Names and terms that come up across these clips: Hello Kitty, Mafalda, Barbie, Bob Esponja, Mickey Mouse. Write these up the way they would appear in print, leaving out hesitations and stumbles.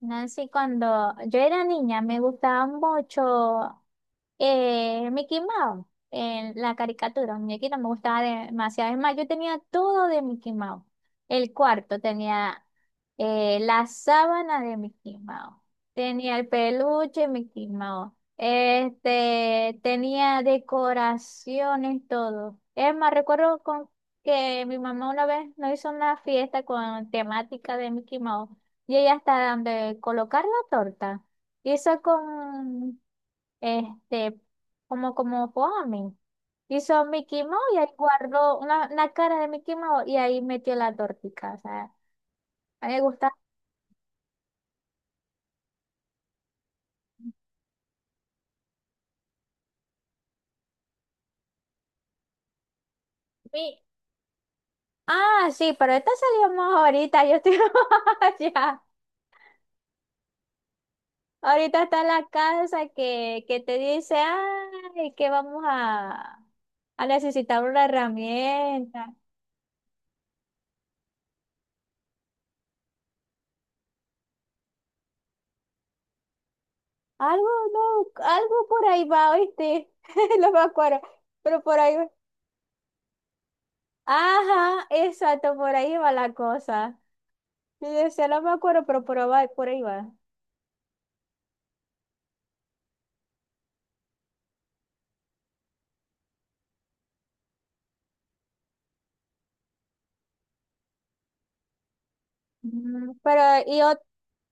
Nancy, cuando yo era niña me gustaba mucho Mickey Mouse, en la caricatura, un muñequito me gustaba demasiado. Es más, yo tenía todo de Mickey Mouse. El cuarto tenía la sábana de Mickey Mouse, tenía el peluche de Mickey Mouse, este, tenía decoraciones, todo. Es más, recuerdo con que mi mamá una vez nos hizo una fiesta con temática de Mickey Mouse y llegué hasta donde colocar la torta. Y eso con, este, como, como foamy. Hizo Mickey Mouse y ahí guardó una cara de Mickey Mouse y ahí metió la tortica. O sea, a mí me gusta. Mi... Ah, sí, pero esta salió más ahorita. Yo estoy allá. Ahorita está la casa que te dice, ay, que vamos a necesitar una herramienta. Algo, no, algo por ahí va, ¿oíste? No me acuerdo, pero por ahí va. Ajá, exacto, por ahí va la cosa. Y decía, no me acuerdo, pero por ahí va. Por ahí va. Mm, pero, y, ot-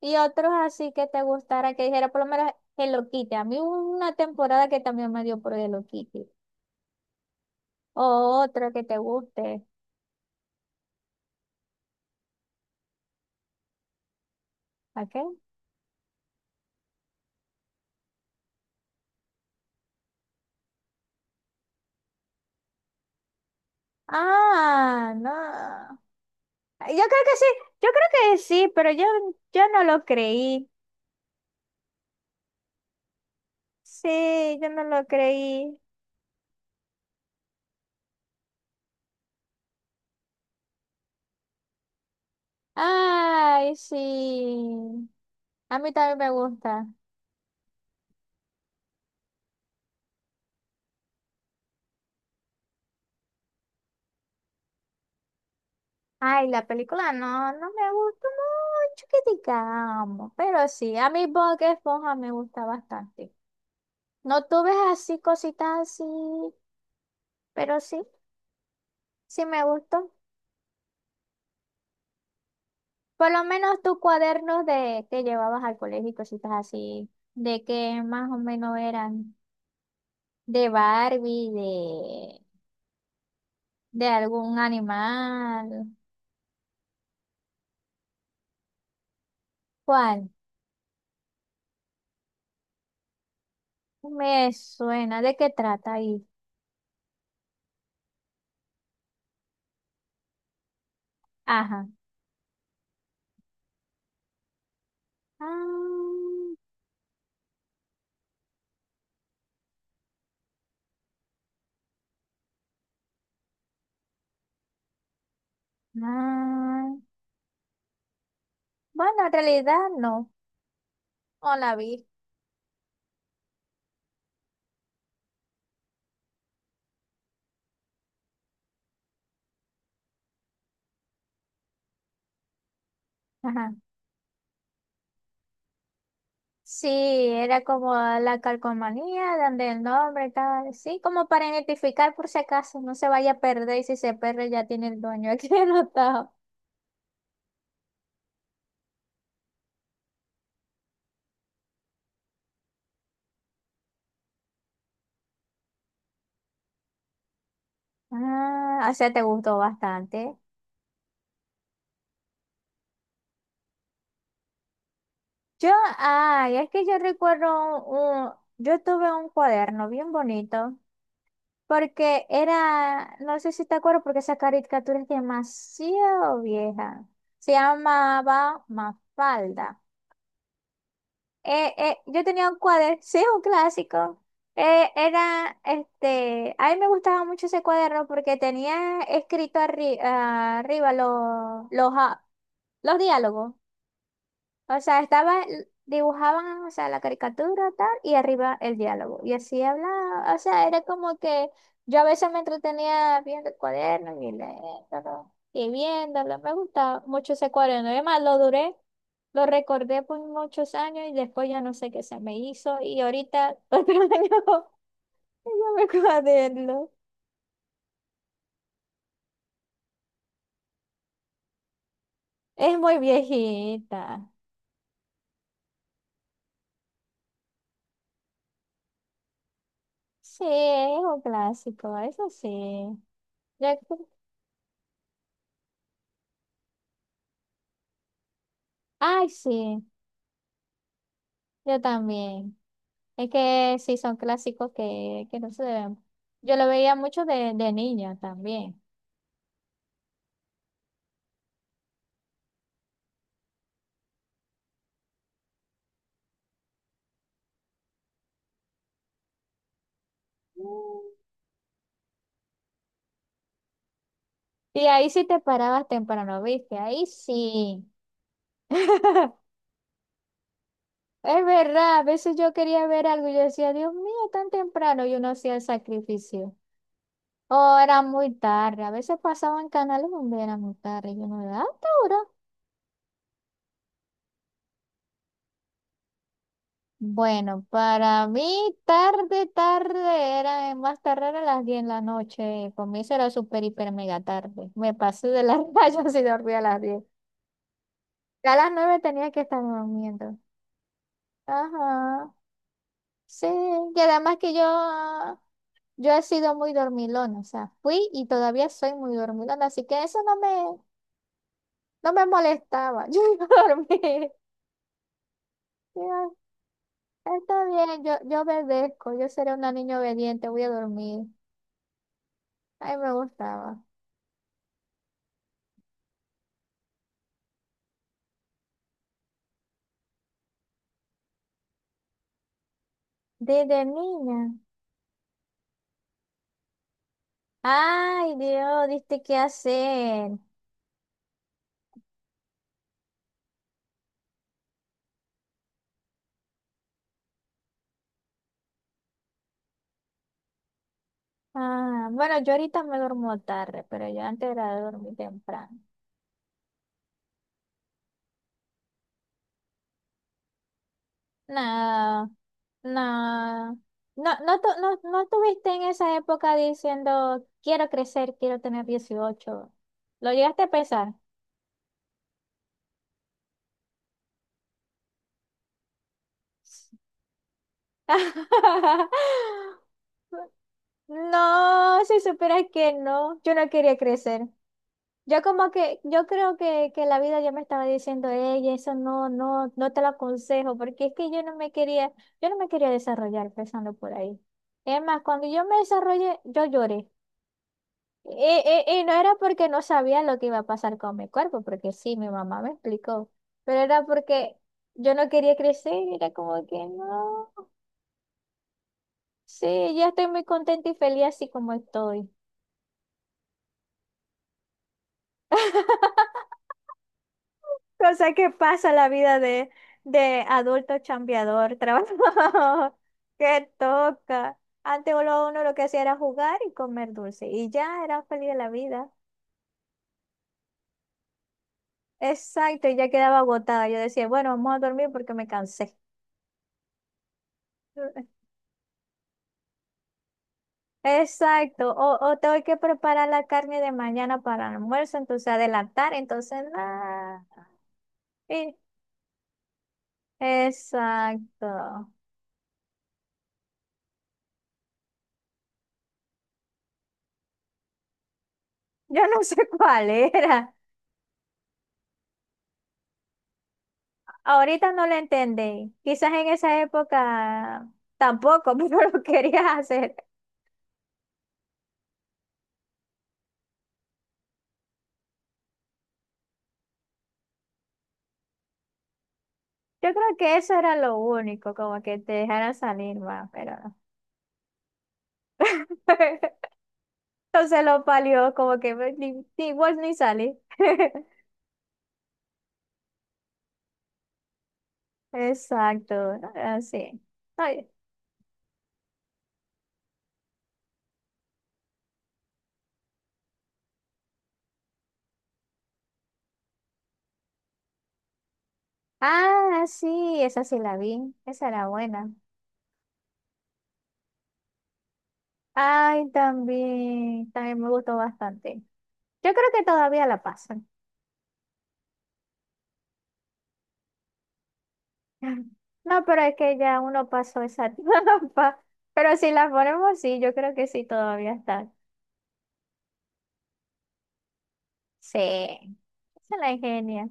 y otros así que te gustara, que dijera, por lo menos Hello Kitty. A mí hubo una temporada que también me dio por Hello Kitty. O otro que te guste. ¿A qué? Ah, no. Yo creo que sí, yo creo que sí, pero yo no lo creí. Sí, yo no lo creí. Ay, sí. A mí también me gusta. Ay, la película no, no me gustó mucho que digamos, pero sí, a mí Bob Esponja me gusta bastante. No tuve así cositas así, pero sí, sí me gustó. Por lo menos tus cuadernos de que llevabas al colegio y cositas así, de que más o menos eran de Barbie, de algún animal. ¿Cuál? Me suena, ¿de qué trata ahí? Ajá. Ah, ah. Bueno, en realidad no, no la vi. Ajá. Sí, era como la calcomanía, donde el nombre, tal, sí, como para identificar por si acaso, no se vaya a perder y si se pierde ya tiene el dueño aquí anotado. Ah, o sea, te gustó bastante. Yo, ay, es que yo recuerdo yo tuve un cuaderno bien bonito. Porque era, no sé si te acuerdas, porque esa caricatura es demasiado vieja. Se llamaba Mafalda. Yo tenía un cuaderno, sí, un clásico. Era, este, a mí me gustaba mucho ese cuaderno porque tenía escrito arriba los diálogos. O sea, estaba, dibujaban, o sea, la caricatura tal, y arriba el diálogo. Y así hablaba, o sea, era como que yo a veces me entretenía viendo el cuaderno y leyéndolo, y viéndolo. Me gustaba mucho ese cuaderno. Además, lo duré, lo recordé por muchos años y después ya no sé qué se me hizo. Y ahorita, otro año, yo me cuaderno. Es muy viejita. Sí, es un clásico, eso sí. Ya- ay, sí, yo también. Es que sí, son clásicos que no se deben. Yo lo veía mucho de niña también. Y ahí sí te parabas temprano, ¿viste? Ahí sí. Es verdad, a veces yo quería ver algo y yo decía, Dios mío, tan temprano, y uno hacía el sacrificio. O era muy tarde, a veces pasaban canales donde era muy tarde, y uno, ¿a esta hora? Bueno, para mí tarde, tarde, era más tarde era las 10 de la noche. Para mí eso era súper, hiper, mega tarde. Me pasé de las rayas y dormí a las 10. Ya a las 9 tenía que estar durmiendo. Ajá, sí. Y además que yo he sido muy dormilona, o sea, fui y todavía soy muy dormilona, así que eso no me, no me molestaba. Yo iba a dormir. Yo, está bien, yo obedezco, yo seré una niña obediente, voy a dormir. Ay, me gustaba. Desde niña. Ay, Dios, diste qué hacer. Ah, bueno, yo ahorita me duermo tarde, pero yo antes era de dormir temprano. No, no. No, no, no, no tuviste en esa época diciendo, quiero crecer, quiero tener 18. ¿Lo llegaste a pensar? No, si supieras que no, yo no quería crecer. Yo como que, yo creo que la vida ya me estaba diciendo, ella, eso no, no, no te lo aconsejo, porque es que yo no me quería, yo no me quería desarrollar empezando por ahí. Es más, cuando yo me desarrollé, yo lloré. Y, y no era porque no sabía lo que iba a pasar con mi cuerpo, porque sí, mi mamá me explicó, pero era porque yo no quería crecer, era como que no, sí, ya estoy muy contenta y feliz así como estoy. Cosa que pasa la vida de adulto chambeador, trabajador, que toca. Antes uno, uno lo que hacía era jugar y comer dulce. Y ya era feliz de la vida. Exacto, y ya quedaba agotada. Yo decía, bueno, vamos a dormir porque me cansé. Exacto, o tengo que preparar la carne de mañana para el almuerzo, entonces adelantar, entonces nada. Y- exacto. Yo no sé cuál era. Ahorita no lo entendí. Quizás en esa época tampoco, pero lo querías hacer. Yo creo que eso era lo único, como que te dejaran salir más, pero no. Entonces lo palió, como que pues, ni, ni vos ni salí. Exacto, así. Ay, ah, sí, esa sí la vi. Esa era buena. Ay, también, también me gustó bastante. Yo creo que todavía la pasan. No, pero es que ya uno pasó esa etapa. Pero si las ponemos, sí, yo creo que sí todavía están. Sí, se la ingenia.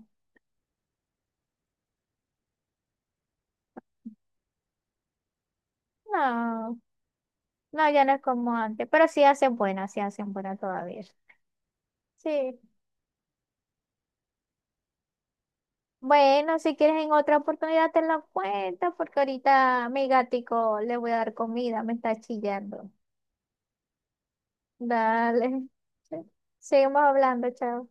No, no, ya no es como antes, pero sí hacen buena todavía. Sí. Bueno, si quieres en otra oportunidad te la cuento, porque ahorita mi gatico le voy a dar comida, me está chillando. Dale. Seguimos hablando, chao.